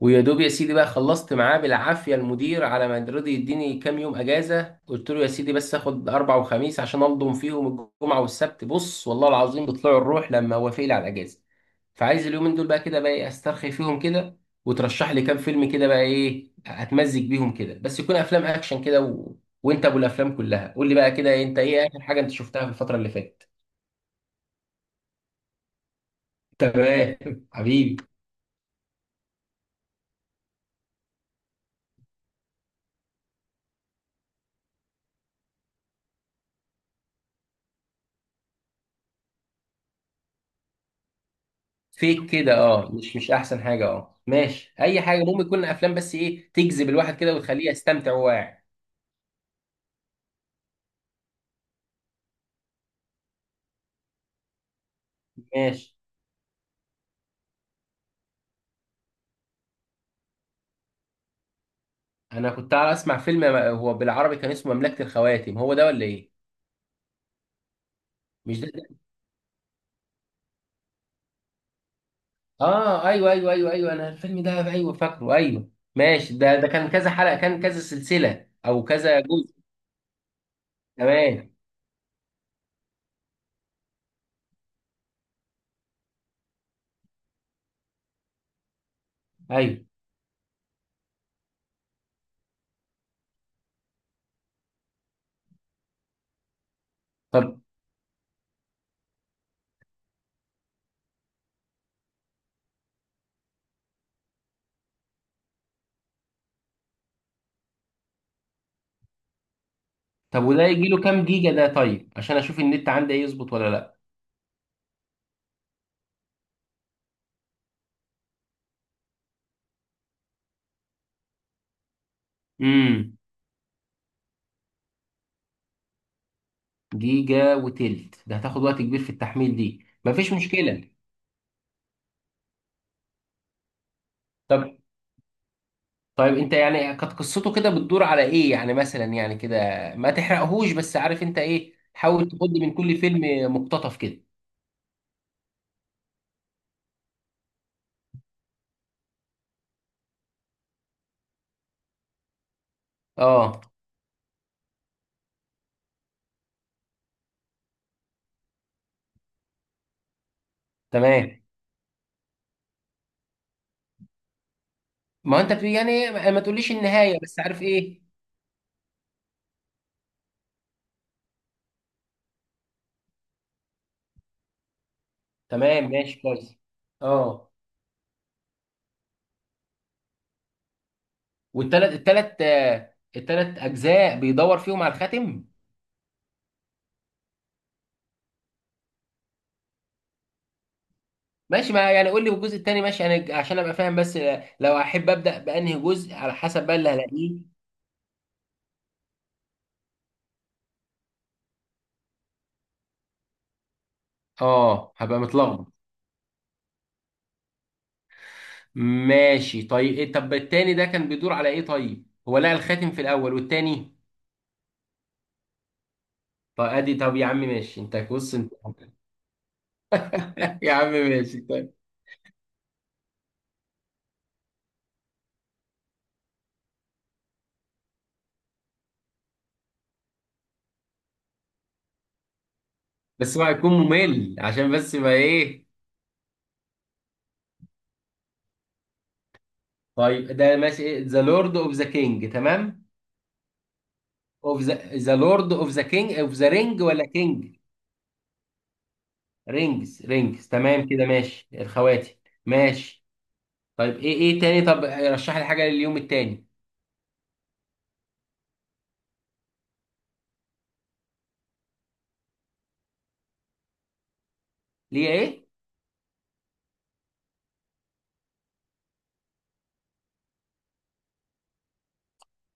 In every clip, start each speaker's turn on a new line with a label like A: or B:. A: ويا دوب يا سيدي بقى خلصت معاه بالعافيه، المدير على ما رضي يديني كام يوم اجازه. قلت له يا سيدي بس اخد اربع وخميس عشان انضم فيهم الجمعه والسبت. بص والله العظيم بيطلعوا الروح لما وافق لي على الاجازه. فعايز اليومين دول بقى كده بقى ايه، استرخي فيهم كده. وترشح لي كام فيلم كده بقى ايه، اتمزج بيهم كده، بس يكون افلام اكشن كده و... وانت ابو الافلام كلها، قول لي بقى كده إيه، انت ايه اخر حاجه انت شفتها في الفتره اللي فاتت؟ تمام. حبيبي. فيك كده، اه مش احسن حاجه، اه ماشي اي حاجه، المهم يكون افلام بس ايه تجذب الواحد كده وتخليه يستمتع وهو قاعد. ماشي، انا كنت على اسمع فيلم هو بالعربي كان اسمه مملكه الخواتم، هو ده ولا ايه؟ مش ده, ده. اه ايوه ايوه ايوه ايوه، انا الفيلم ده ايوه فاكره، ايوه ماشي. ده ده كان كذا حلقه، كان كذا سلسله او كذا جزء؟ تمام. ايوه. طب وده يجي له كام جيجا ده؟ طيب عشان اشوف النت عندي ايه، يظبط ولا لا. امم. جيجا وتلت، ده هتاخد وقت كبير في التحميل دي؟ مفيش مشكلة. طب طيب انت يعني كانت قصته كده بتدور على ايه يعني، مثلا يعني كده ما تحرقهوش، بس عارف انت ايه، حاول تاخد من كل فيلم مقتطف كده. اه. تمام. ما هو انت يعني ما تقوليش النهاية، بس عارف ايه. تمام ماشي كويس. اه. والتلات التلات آه، التلات اجزاء بيدور فيهم على الخاتم؟ ماشي، ما يعني قول لي الجزء التاني، ماشي انا عشان ابقى فاهم بس آه، لو احب ابدا بانهي جزء على حسب بقى اللي هلاقيه. اه هبقى متلخبط. ماشي طيب إيه. طب التاني ده كان بيدور على ايه؟ طيب هو لقى الخاتم في الاول والتاني؟ طب ادي، طب يا عم ماشي، انت بص انت يا عم ماشي طيب. بس هو هيكون ممل عشان بس ما ايه. طيب ده ماشي، ذا لورد اوف ذا كينج، تمام. اوف ذا ذا لورد اوف ذا كينج اوف ذا رينج ولا كينج؟ رينجز رينجز، تمام كده ماشي، الخواتم. ماشي. طيب ايه ايه تاني؟ طب رشح لي حاجه لليوم التاني. ليه ايه؟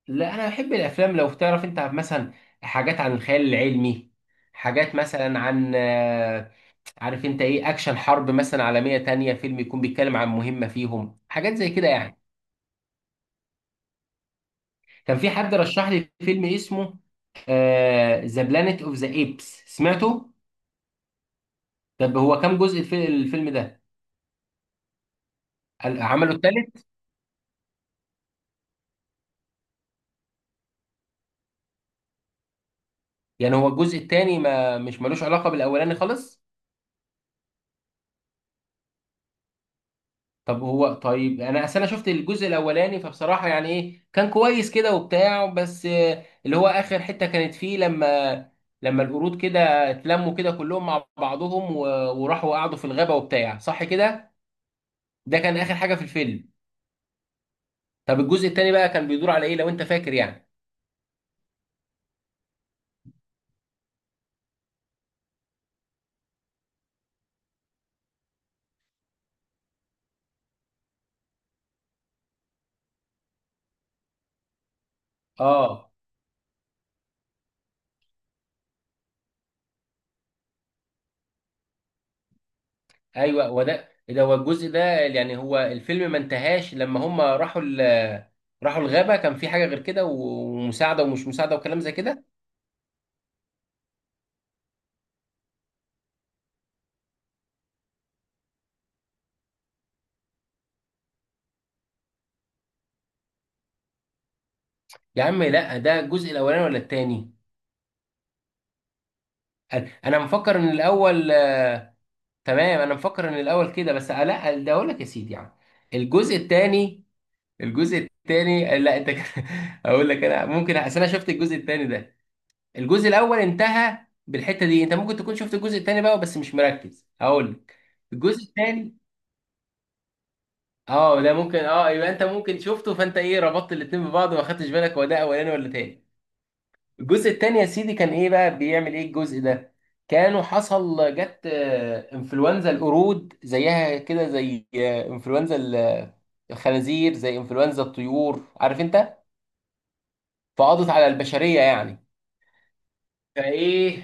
A: لا انا بحب الافلام لو تعرف انت مثلا، حاجات عن الخيال العلمي، حاجات مثلا عن آه، عارف انت ايه، اكشن حرب مثلا عالمية تانية، فيلم يكون بيتكلم عن مهمة فيهم، حاجات زي كده يعني. كان في حد رشح لي فيلم اسمه ذا بلانيت اوف ذا ايبس، سمعته؟ طب هو كام جزء في الفيلم ده؟ عمله التالت؟ يعني هو الجزء التاني ما مش ملوش علاقة بالاولاني خالص؟ طب هو طيب، انا اصل انا شفت الجزء الاولاني، فبصراحه يعني ايه، كان كويس كده وبتاع، بس آه، اللي هو اخر حته كانت فيه لما لما القرود كده اتلموا كده كلهم مع بعضهم و- وراحوا قعدوا في الغابه وبتاع، صح كده. ده كان اخر حاجه في الفيلم. طب الجزء التاني بقى كان بيدور على ايه لو انت فاكر يعني؟ اه ايوه. وده ده هو الجزء ده، يعني هو الفيلم ما انتهاش لما هم راحوا راحوا الغابه، كان في حاجه غير كده و- ومساعده ومش مساعده وكلام زي كده. يا عم لا ده الجزء الاولاني ولا التاني؟ انا مفكر ان الاول آه، تمام انا مفكر ان الاول كده بس آه، لا ده اقول لك يا سيدي يعني. الجزء التاني، الجزء التاني آه، لا انت كده- اقول لك انا، ممكن اصل انا شفت الجزء التاني ده. الجزء الاول انتهى بالحته دي، انت ممكن تكون شفت الجزء التاني بقى بس مش مركز، هقول لك. الجزء التاني، اه ده ممكن، اه يبقى انت ممكن شفته فانت ايه ربطت الاتنين ببعض وما خدتش بالك هو ده اولاني ولا تاني. الجزء التاني يا سيدي كان ايه بقى، بيعمل ايه الجزء ده؟ كانوا حصل جت آه، انفلونزا القرود زيها كده، زي آه، انفلونزا الخنازير، زي انفلونزا الطيور، عارف انت. فقضت على البشرية يعني. فايه،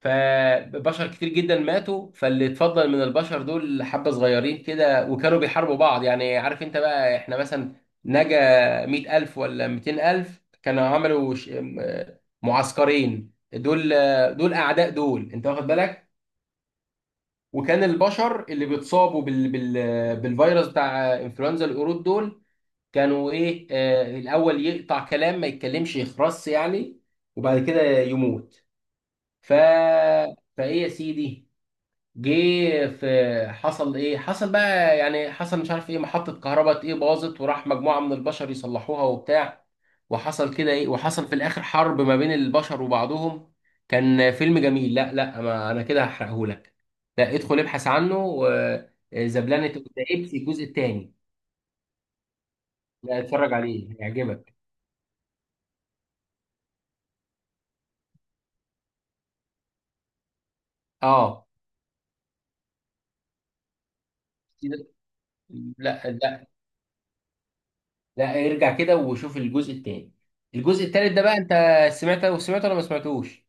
A: فبشر كتير جدا ماتوا، فاللي اتفضل من البشر دول حبة صغيرين كده وكانوا بيحاربوا بعض، يعني عارف انت بقى احنا مثلا نجا 100000 ولا 200000، كانوا عملوا معسكرين، دول دول أعداء، دول انت واخد بالك. وكان البشر اللي بيتصابوا بالفيروس بتاع انفلونزا القرود دول، كانوا ايه آه، الاول يقطع كلام ما يتكلمش، يخرس يعني، وبعد كده يموت. ف، فايه يا سيدي، جه في، حصل ايه، حصل بقى يعني حصل مش عارف ايه، محطة كهرباء ايه باظت، وراح مجموعة من البشر يصلحوها وبتاع، وحصل كده ايه، وحصل في الاخر حرب ما بين البشر وبعضهم. كان فيلم جميل. لا لا، ما انا كده هحرقهولك. لا ادخل ابحث عنه و- ذا بلانيت اوف ذا ايبس الجزء الثاني. لا اتفرج عليه هيعجبك. اه. لا، لا ارجع كده وشوف الجزء الثاني. الجزء الثالث ده بقى انت سمعته وسمعته ولا ما سمعتوش؟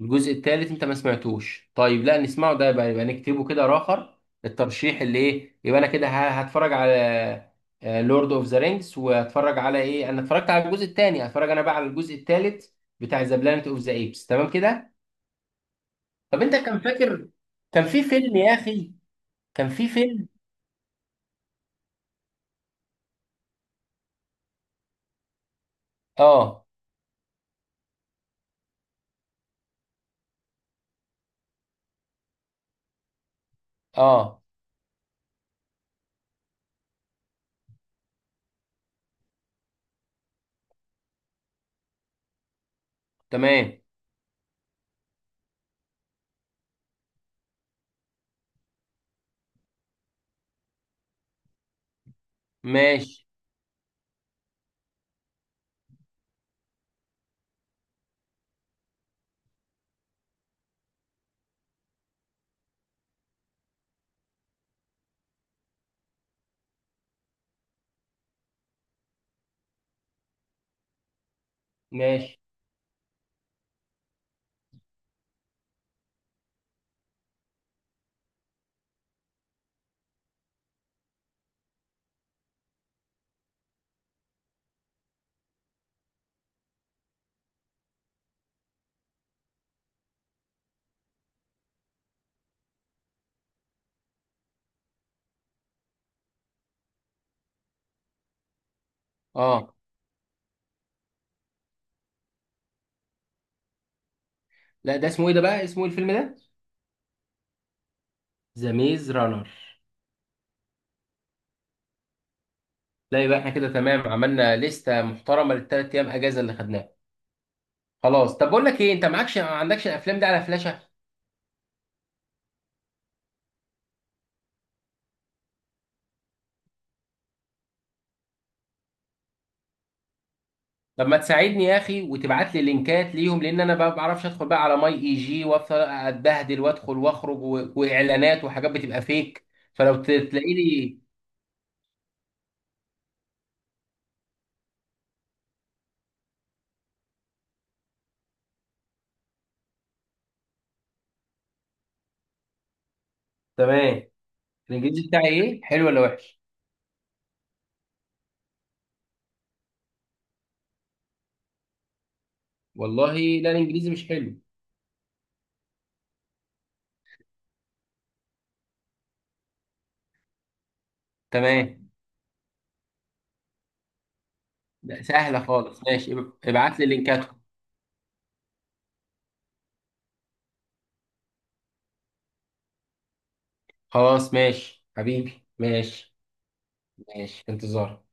A: الجزء الثالث انت ما سمعتوش، طيب لا نسمعه ده، يبقى يبقى نكتبه كده راخر الترشيح اللي ايه، يبقى انا كده ه- هتفرج على لورد اوف ذا رينجز، وهتفرج على ايه، انا اتفرجت على الجزء الثاني هتفرج انا بقى على الجزء الثالث بتاع ذا بلانت اوف ذا ايبس، تمام كده. طب انت كان فاكر، كان في فيلم يا اخي، كان في فيلم، اه. اه. تمام ماشي ماشي. اه. لا ده اسمه ايه ده بقى، اسمه ايه الفيلم ده؟ ذا ميز رانر. لا يبقى احنا كده تمام، عملنا لستة محترمة للثلاث ايام اجازة اللي خدناها. خلاص طب بقول لك ايه، انت معكش، ما عندكش الافلام دي على فلاشة؟ طب ما تساعدني يا اخي وتبعت لي لينكات ليهم، لان انا بقى ما بعرفش ادخل بقى على ماي اي جي وافضل اتبهدل وادخل واخرج و... واعلانات وحاجات بتبقى فيك، فلو ت- تلاقي لي. تمام. الانجليزي بتاعي ايه، حلو ولا وحش؟ والله لا الانجليزي مش حلو. تمام. لا سهلة خالص، ماشي. ابعت لي لينكاتهم. خلاص ماشي حبيبي ماشي. ماشي في انتظارك.